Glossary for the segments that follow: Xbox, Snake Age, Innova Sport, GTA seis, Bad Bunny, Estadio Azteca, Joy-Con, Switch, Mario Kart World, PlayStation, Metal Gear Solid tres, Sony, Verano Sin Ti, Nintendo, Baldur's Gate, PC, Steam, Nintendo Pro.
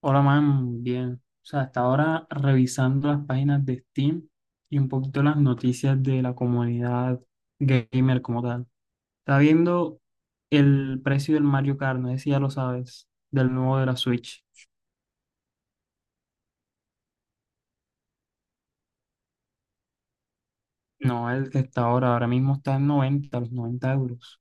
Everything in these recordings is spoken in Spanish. Hola, man, bien. O sea, hasta ahora revisando las páginas de Steam y un poquito las noticias de la comunidad gamer como tal. Está viendo el precio del Mario Kart, no sé si ya lo sabes, del nuevo de la Switch. No, el que está ahora mismo está en 90, los 90 euros.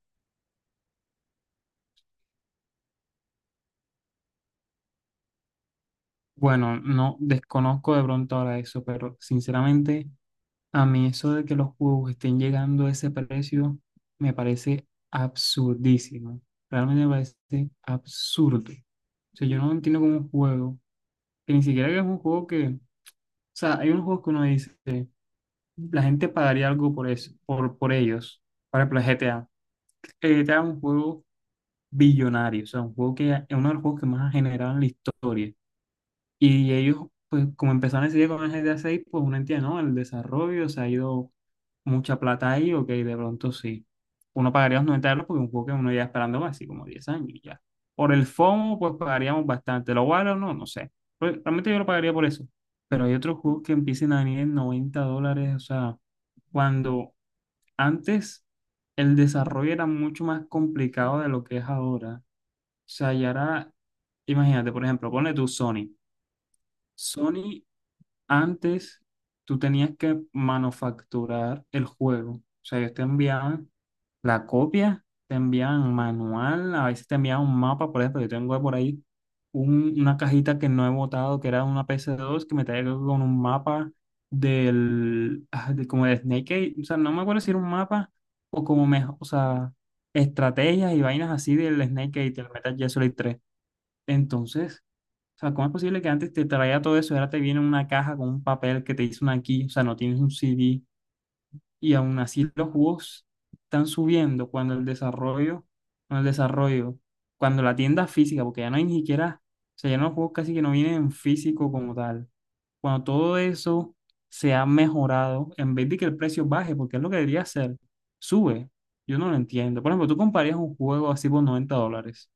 Bueno, no desconozco de pronto ahora eso, pero sinceramente, a mí eso de que los juegos estén llegando a ese precio me parece absurdísimo. Realmente me parece absurdo. O sea, yo no entiendo cómo un juego, que ni siquiera que es un juego que, o sea, hay unos juegos que uno dice, la gente pagaría algo por eso, por ellos. Por ejemplo, el GTA. El GTA es un juego billonario, o sea, un juego que es uno de los juegos que más ha generado en la historia. Y ellos, pues como empezaron a decidir con el GTA seis, pues uno entiende, ¿no? El desarrollo, se ha ido mucha plata ahí, ok, de pronto sí. Uno pagaría los 90 euros porque es un juego que uno ya esperando así como 10 años y ya. Por el FOMO, pues pagaríamos bastante. ¿Lo vale o no? No sé. Pues, realmente yo lo pagaría por eso. Pero hay otros juegos que empiecen a venir en 90 dólares, o sea, cuando antes el desarrollo era mucho más complicado de lo que es ahora. O sea, y ahora, imagínate, por ejemplo, ponle tu Sony. Sony antes tú tenías que manufacturar el juego. O sea, ellos te enviaban la copia, te enviaban manual, a veces te enviaban un mapa, por ejemplo, yo tengo por ahí una cajita que no he botado, que era una PS2 que me traía con un mapa como de Snake Age. O sea, no me acuerdo si era un mapa o como mejor, o sea, estrategias y vainas así del Snake Age, del Metal Gear Solid 3. Entonces. O sea, ¿cómo es posible que antes te traía todo eso y ahora te viene una caja con un papel que te hizo una aquí? O sea, no tienes un CD y aún así los juegos están subiendo cuando el desarrollo, cuando el desarrollo, cuando la tienda física, porque ya no hay ni siquiera, o sea, ya no los juegos casi que no vienen en físico como tal. Cuando todo eso se ha mejorado, en vez de que el precio baje, porque es lo que debería hacer, sube. Yo no lo entiendo. Por ejemplo, tú comprarías un juego así por 90 dólares,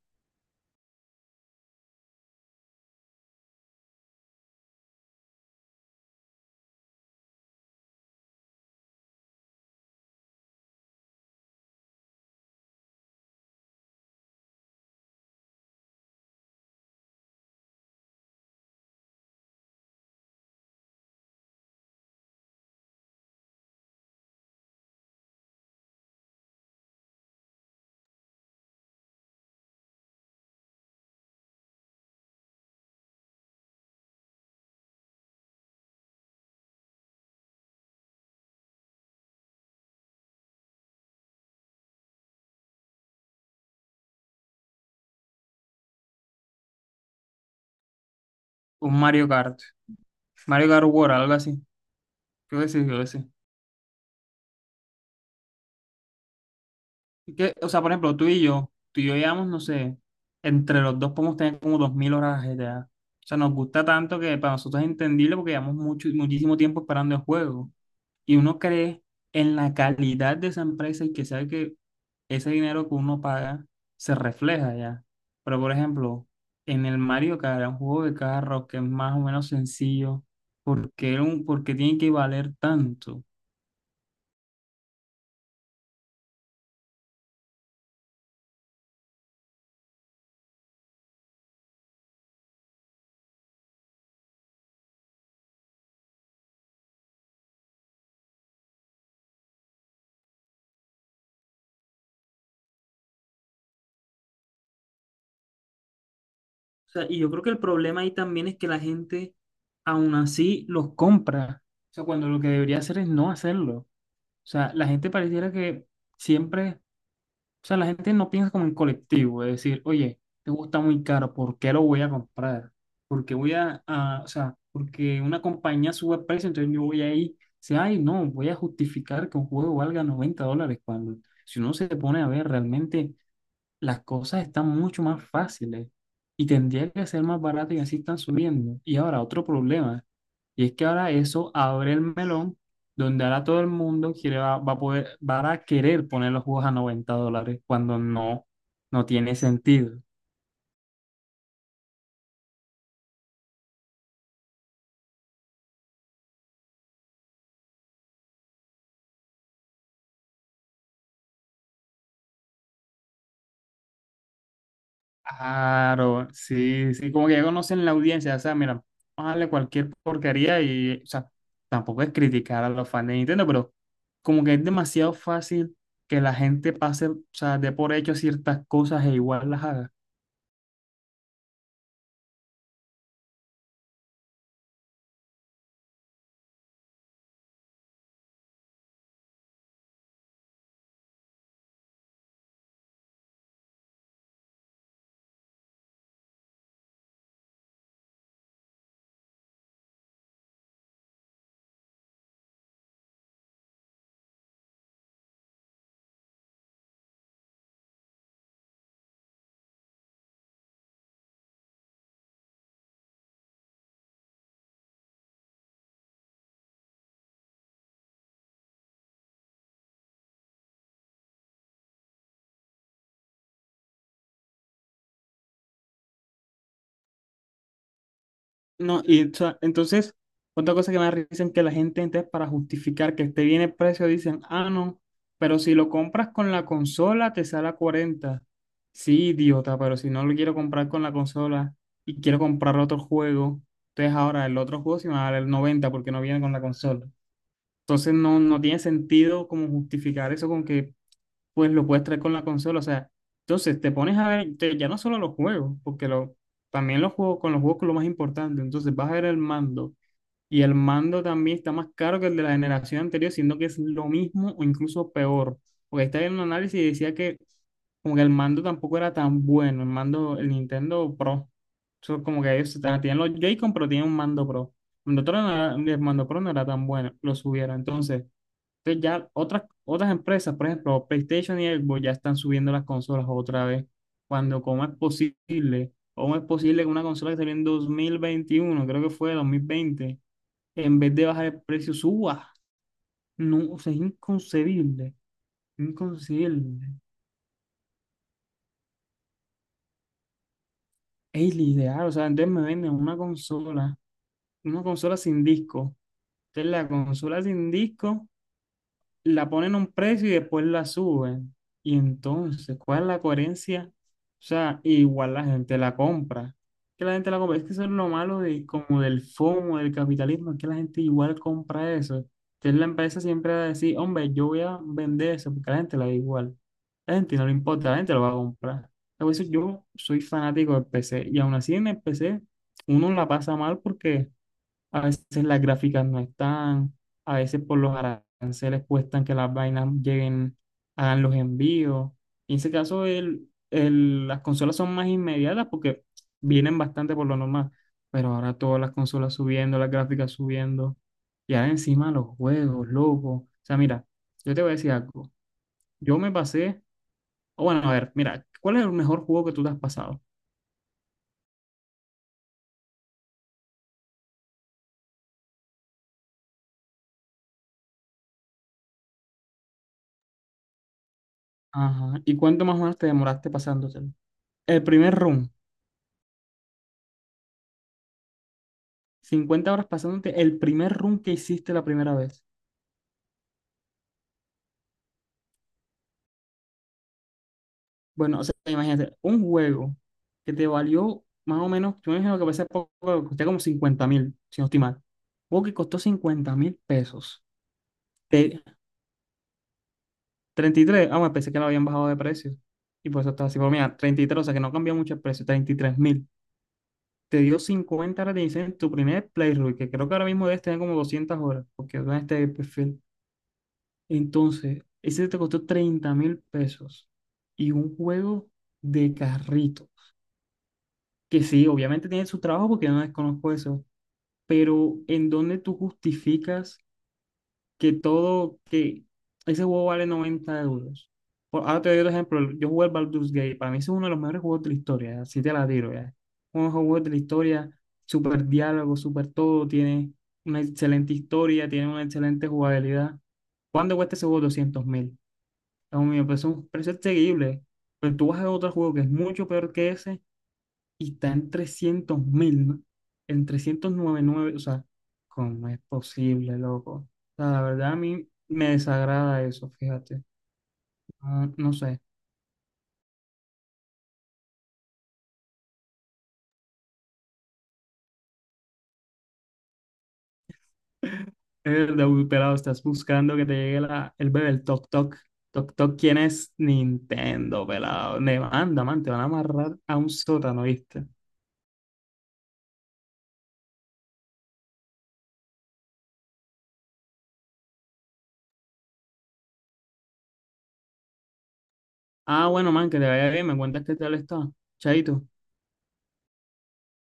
un Mario Kart, Mario Kart World, algo así. Creo que sí, creo que sí. Que, o sea, por ejemplo, tú y yo llevamos, no sé, entre los dos podemos tener como 2000 horas de GTA. O sea, nos gusta tanto que para nosotros es entendible porque llevamos mucho, muchísimo tiempo esperando el juego. Y uno cree en la calidad de esa empresa y que sabe que ese dinero que uno paga se refleja ya. Pero, por ejemplo, en el Mario Kart, un juego de carros que es más o menos sencillo, ¿por qué tiene que valer tanto? O sea, y yo creo que el problema ahí también es que la gente aún así los compra. O sea, cuando lo que debería hacer es no hacerlo. O sea, la gente pareciera que siempre, o sea, la gente no piensa como en colectivo, es decir, oye, te gusta muy caro, ¿por qué lo voy a comprar? Porque voy o sea, porque una compañía sube el precio, entonces yo voy ahí, dice, ay, no, voy a justificar que un juego valga 90 dólares cuando, si uno se pone a ver, realmente las cosas están mucho más fáciles y tendría que ser más barato y así están subiendo. Y ahora, otro problema, y es que ahora eso abre el melón donde ahora todo el mundo quiere, va a querer poner los juegos a 90 dólares cuando no, no tiene sentido. Claro, sí, sí, como que ya conocen la audiencia, o sea, mira, vamos a darle cualquier porquería y, o sea, tampoco es criticar a los fans de Nintendo, pero como que es demasiado fácil que la gente pase, o sea, dé por hecho ciertas cosas e igual las haga. No, y o sea, entonces, otra cosa que me da risa es que la gente, entonces, para justificar que esté bien el precio, dicen, ah, no, pero si lo compras con la consola, te sale a 40. Sí, idiota, pero si no lo quiero comprar con la consola y quiero comprar otro juego, entonces ahora el otro juego sí me va a valer 90 porque no viene con la consola. Entonces, no, no tiene sentido como justificar eso con que pues lo puedes traer con la consola. O sea, entonces te pones a ver ya no solo los juegos, porque lo, también los juegos con los juegos que es lo más importante. Entonces vas a ver el mando. Y el mando también está más caro que el de la generación anterior, siendo que es lo mismo o incluso peor. Porque estaba en un análisis y decía que como que el mando tampoco era tan bueno, el mando, el Nintendo Pro. Eso como que ellos tienen los Joy-Con, pero tienen un mando Pro. El mando Pro no era, el mando Pro no era tan bueno, lo subieron. Entonces, ya otras empresas, por ejemplo, PlayStation y Xbox ya están subiendo las consolas otra vez. Cuando, ¿cómo es posible? ¿Cómo es posible que una consola que salió en 2021, creo que fue 2020, en vez de bajar el precio, suba? No, o sea, es inconcebible, inconcebible. Es ideal, o sea, entonces me venden una consola sin disco. Entonces la consola sin disco la ponen a un precio y después la suben. Y entonces, ¿cuál es la coherencia? O sea, igual la gente la compra. Que la gente la compra. Es que eso es lo malo de, como del FOMO, del capitalismo, es que la gente igual compra eso. Entonces la empresa siempre va a decir, hombre, yo voy a vender eso, porque a la gente la da igual. A la gente no le importa, la gente lo va a comprar. A veces yo soy fanático del PC, y aún así en el PC uno la pasa mal porque a veces las gráficas no están, a veces por los aranceles cuestan que las vainas lleguen, hagan los envíos. Y en ese caso, las consolas son más inmediatas porque vienen bastante por lo normal, pero ahora todas las consolas subiendo, las gráficas subiendo, y ahora encima los juegos, loco. O sea, mira, yo te voy a decir algo. Yo me pasé, o bueno, a ver, mira, ¿cuál es el mejor juego que tú te has pasado? Ajá. ¿Y cuánto más o menos te demoraste pasándotelo? El primer run. 50 horas pasándote el primer run que hiciste la primera vez. Bueno, o sea, imagínate, un juego que te valió más o menos, yo me imagino que a veces poco, costó como 50.000, si no estoy mal. Un juego que costó 50.000 pesos. Te- 33, ah, bueno, pensé que lo habían bajado de precio. Y por eso estaba así, pero mira, 33, o sea que no cambió mucho el precio, 33.000. Te dio 50 horas de diseño en tu primer playthrough, que creo que ahora mismo debes tener como 200 horas, porque en este perfil. Entonces, ese te costó 30.000 pesos y un juego de carritos, que sí, obviamente tiene su trabajo porque yo no desconozco eso, pero ¿en dónde tú justificas que todo, que ese juego vale 90 euros? Por, ahora te doy otro ejemplo, yo jugué el Baldur's Gate, para mí ese es uno de los mejores juegos de la historia, así te la tiro ya. Uno de los juegos de la historia, súper diálogo, súper todo, tiene una excelente historia, tiene una excelente jugabilidad. ¿Cuándo cuesta ese juego? 200.000. A mí me parece un precio accesible. Pero tú vas a otro juego que es mucho peor que ese y está en 300.000, ¿no? En 399, o sea, ¿cómo es posible, loco? O sea, la verdad a mí me desagrada eso, fíjate. No, no sé. Es verdad, uy, pelado, estás buscando que te llegue la, el bebé, el toc toc. Toc toc, ¿quién es? Nintendo, pelado. Anda, man, te van a amarrar a un sótano, ¿viste? Ah, bueno, man, que te vaya bien, me cuentas qué tal está. Chaito.